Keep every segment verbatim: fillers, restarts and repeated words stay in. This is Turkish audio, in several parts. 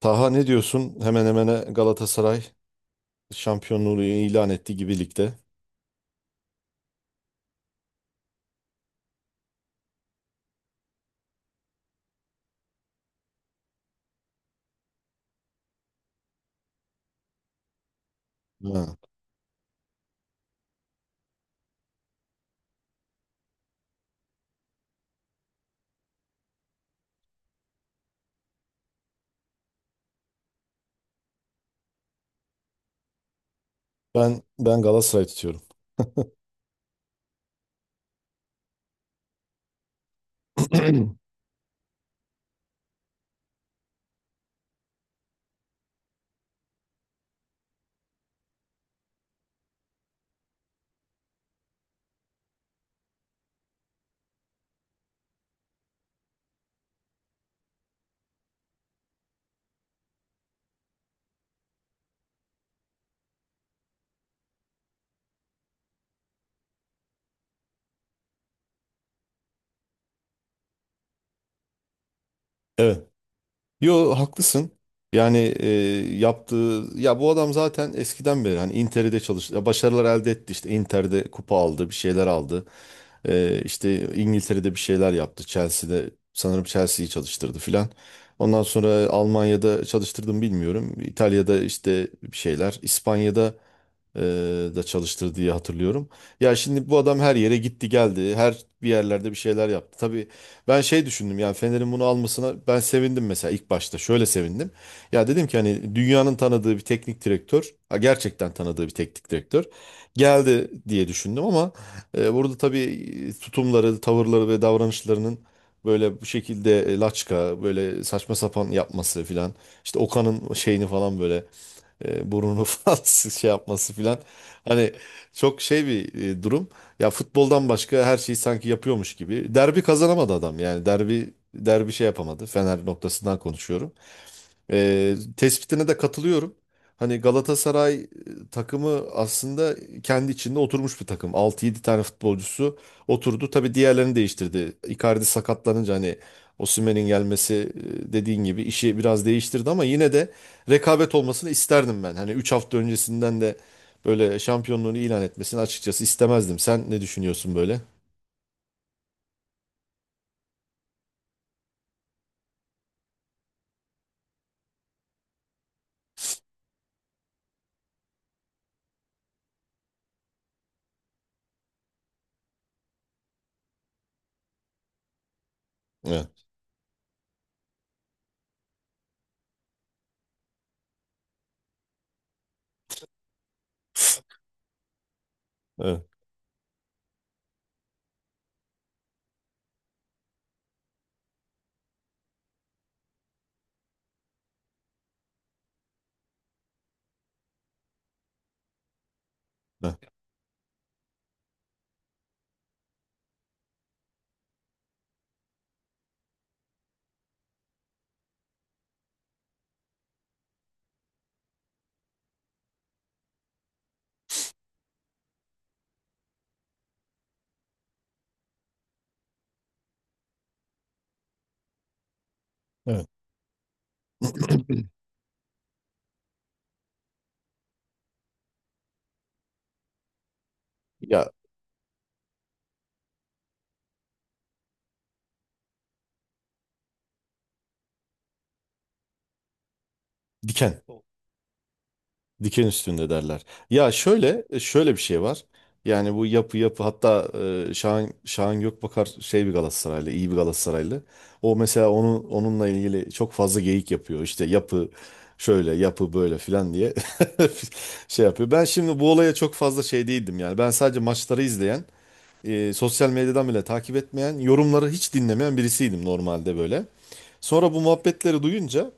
Taha, ne diyorsun? Hemen hemen Galatasaray şampiyonluğu ilan etti gibi ligde. Ha. Ben ben Galatasaray tutuyorum. Evet. Yo, haklısın. Yani e, yaptığı ya bu adam zaten eskiden beri hani Inter'de çalıştı. Başarılar elde etti, işte Inter'de kupa aldı, bir şeyler aldı. E, işte İngiltere'de bir şeyler yaptı. Chelsea'de, sanırım Chelsea'yi çalıştırdı filan. Ondan sonra Almanya'da çalıştırdım bilmiyorum. İtalya'da işte bir şeyler. İspanya'da e, da çalıştır diye hatırlıyorum. Ya şimdi bu adam her yere gitti geldi. Her bir yerlerde bir şeyler yaptı. Tabii ben şey düşündüm, yani Fener'in bunu almasına ben sevindim mesela ilk başta. Şöyle sevindim. Ya dedim ki hani dünyanın tanıdığı bir teknik direktör, ha, gerçekten tanıdığı bir teknik direktör geldi diye düşündüm ama e, burada tabii e, tutumları, tavırları ve davranışlarının böyle bu şekilde, e, laçka, böyle saçma sapan yapması filan. İşte Okan'ın şeyini falan böyle e, burnunu falan şey yapması filan. Hani çok şey bir e, durum. Ya futboldan başka her şeyi sanki yapıyormuş gibi. Derbi kazanamadı adam, yani derbi derbi şey yapamadı. Fener noktasından konuşuyorum. Ee, tespitine de katılıyorum. Hani Galatasaray e, takımı aslında kendi içinde oturmuş bir takım. Altı yedi tane futbolcusu oturdu. Tabii diğerlerini değiştirdi. Icardi sakatlanınca hani Osimhen'in gelmesi, e, dediğin gibi, işi biraz değiştirdi ama yine de rekabet olmasını isterdim ben. Hani üç hafta öncesinden de böyle şampiyonluğunu ilan etmesini açıkçası istemezdim. Sen ne düşünüyorsun böyle? Evet. Evet. Evet. Evet. Ya diken. Diken üstünde derler. Ya şöyle e, şöyle bir şey var. Yani bu yapı yapı hatta, e, Şahan Şahan Gökbakar şey, bir Galatasaraylı, iyi bir Galatasaraylı. O mesela onu onunla ilgili çok fazla geyik yapıyor. İşte yapı şöyle, yapı böyle filan diye şey yapıyor. Ben şimdi bu olaya çok fazla şey değildim yani. Ben sadece maçları izleyen, e, sosyal medyadan bile takip etmeyen, yorumları hiç dinlemeyen birisiydim normalde böyle. Sonra bu muhabbetleri duyunca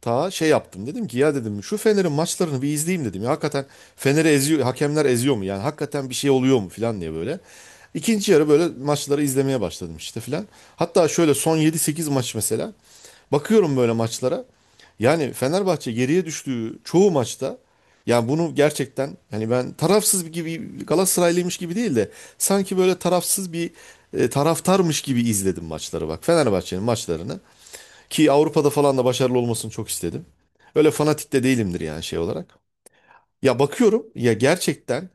ta şey yaptım. Dedim ki ya, dedim şu Fener'in maçlarını bir izleyeyim dedim. Ya hakikaten Fener'i eziyor, hakemler eziyor mu? Yani hakikaten bir şey oluyor mu falan diye böyle. İkinci yarı böyle maçları izlemeye başladım işte falan. Hatta şöyle son yedi sekiz maç mesela. Bakıyorum böyle maçlara. Yani Fenerbahçe geriye düştüğü çoğu maçta, yani bunu gerçekten, hani ben tarafsız bir gibi Galatasaraylıymış gibi değil de sanki böyle tarafsız bir e, taraftarmış gibi izledim maçları, bak, Fenerbahçe'nin maçlarını. Ki Avrupa'da falan da başarılı olmasını çok istedim. Öyle fanatik de değilimdir yani şey olarak. Ya bakıyorum, ya gerçekten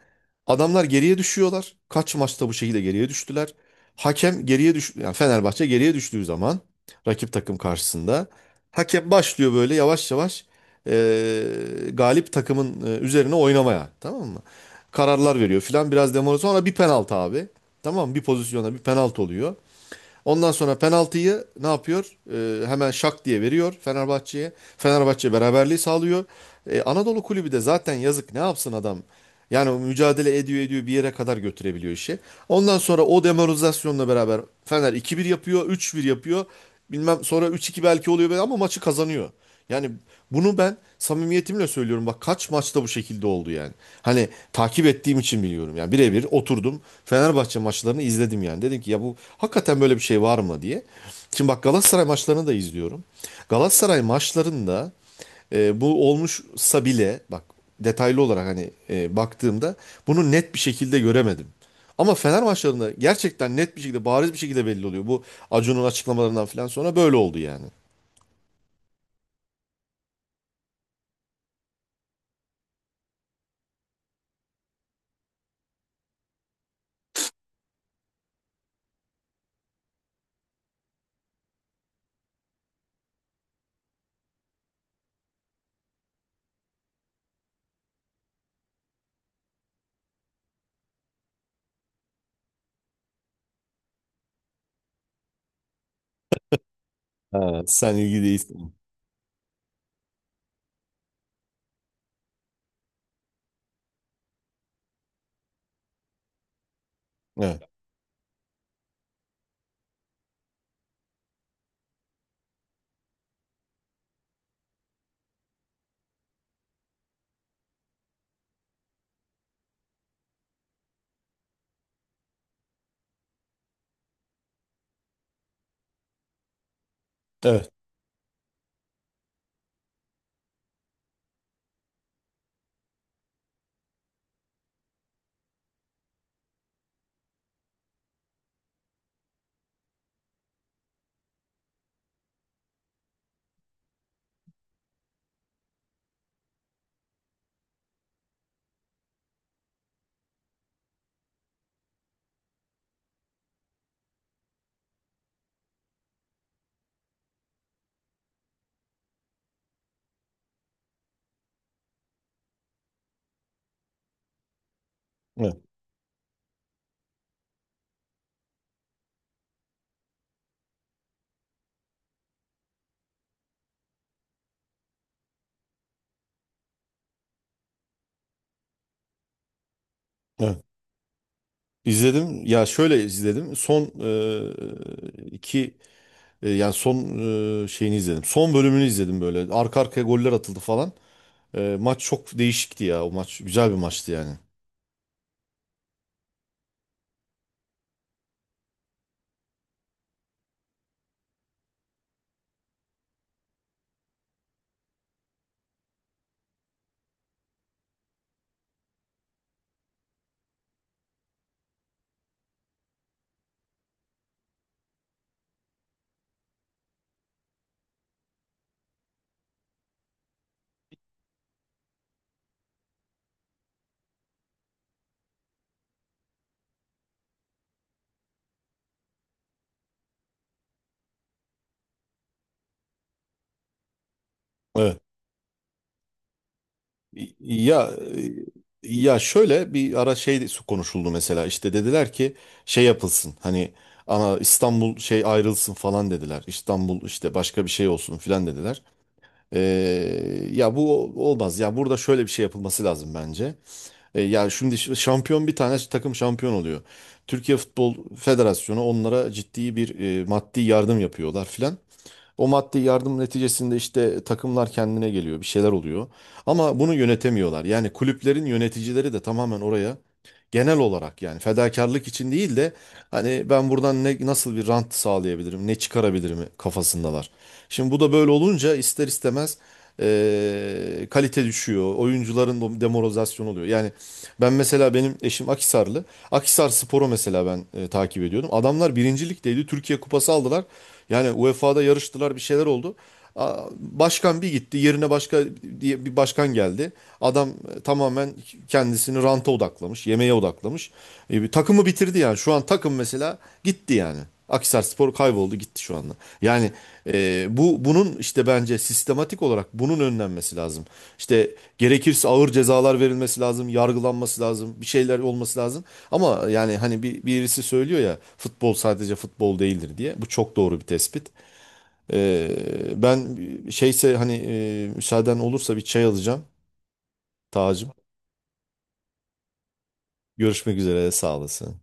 adamlar geriye düşüyorlar. Kaç maçta bu şekilde geriye düştüler. Hakem geriye düş, yani Fenerbahçe geriye düştüğü zaman rakip takım karşısında hakem başlıyor böyle yavaş yavaş eee, galip takımın e, üzerine oynamaya, tamam mı? Kararlar veriyor filan, biraz demora, sonra bir penaltı abi. Tamam mı? Bir pozisyona bir penaltı oluyor. Ondan sonra penaltıyı ne yapıyor? Ee, hemen şak diye veriyor Fenerbahçe'ye. Fenerbahçe beraberliği sağlıyor. Ee, Anadolu Kulübü de zaten yazık, ne yapsın adam? Yani mücadele ediyor ediyor, bir yere kadar götürebiliyor işi. Ondan sonra o demoralizasyonla beraber Fener iki bir yapıyor, üç bir yapıyor. Bilmem, sonra üç iki belki oluyor ama maçı kazanıyor. Yani bunu ben samimiyetimle söylüyorum. Bak, kaç maçta bu şekilde oldu yani. Hani takip ettiğim için biliyorum. Yani birebir oturdum, Fenerbahçe maçlarını izledim yani. Dedim ki ya bu hakikaten böyle bir şey var mı diye. Şimdi bak, Galatasaray maçlarını da izliyorum. Galatasaray maçlarında e, bu olmuşsa bile, bak, detaylı olarak hani e, baktığımda bunu net bir şekilde göremedim. Ama Fener maçlarında gerçekten net bir şekilde, bariz bir şekilde belli oluyor. Bu Acun'un açıklamalarından falan sonra böyle oldu yani. Ha, sen ilgi değilsin. Evet, evet, evet, evet. İzledim. Ya şöyle izledim. Son e, iki e, yani son e, şeyini izledim. Son bölümünü izledim böyle. Arka arkaya goller atıldı falan. E, maç çok değişikti ya. O maç güzel bir maçtı yani. Evet. Ya e, ya şöyle bir ara şey de konuşuldu mesela. İşte dediler ki şey yapılsın. Hani ana İstanbul şey ayrılsın falan dediler. İstanbul işte başka bir şey olsun filan dediler. Ee, ya bu olmaz. Ya burada şöyle bir şey yapılması lazım bence. Ee, ya şimdi ş- şampiyon, bir tane takım şampiyon oluyor. Türkiye Futbol Federasyonu onlara ciddi bir e, maddi yardım yapıyorlar filan. O maddi yardım neticesinde işte takımlar kendine geliyor, bir şeyler oluyor. Ama bunu yönetemiyorlar. Yani kulüplerin yöneticileri de tamamen oraya, genel olarak yani fedakarlık için değil de hani ben buradan ne, nasıl bir rant sağlayabilirim, ne çıkarabilirim kafasındalar. Şimdi bu da böyle olunca ister istemez eee, kalite düşüyor, oyuncuların demoralizasyonu oluyor. Yani ben mesela, benim eşim Akhisarlı. Akhisar Spor'u mesela ben e, takip ediyordum. Adamlar birinci ligdeydi. Türkiye Kupası aldılar. Yani UEFA'da yarıştılar, bir şeyler oldu. Aa, başkan bir gitti, yerine başka diye bir başkan geldi. Adam e, tamamen kendisini ranta odaklamış, yemeğe odaklamış. E, bir takımı bitirdi yani. Şu an takım mesela gitti yani. Akhisarspor kayboldu gitti şu anda. Yani e, bu bunun işte bence sistematik olarak bunun önlenmesi lazım. İşte gerekirse ağır cezalar verilmesi lazım, yargılanması lazım, bir şeyler olması lazım. Ama yani hani bir birisi söylüyor ya futbol sadece futbol değildir diye. Bu çok doğru bir tespit. E, ben şeyse hani e, müsaaden olursa bir çay alacağım Tacım. Görüşmek üzere, sağ olasın.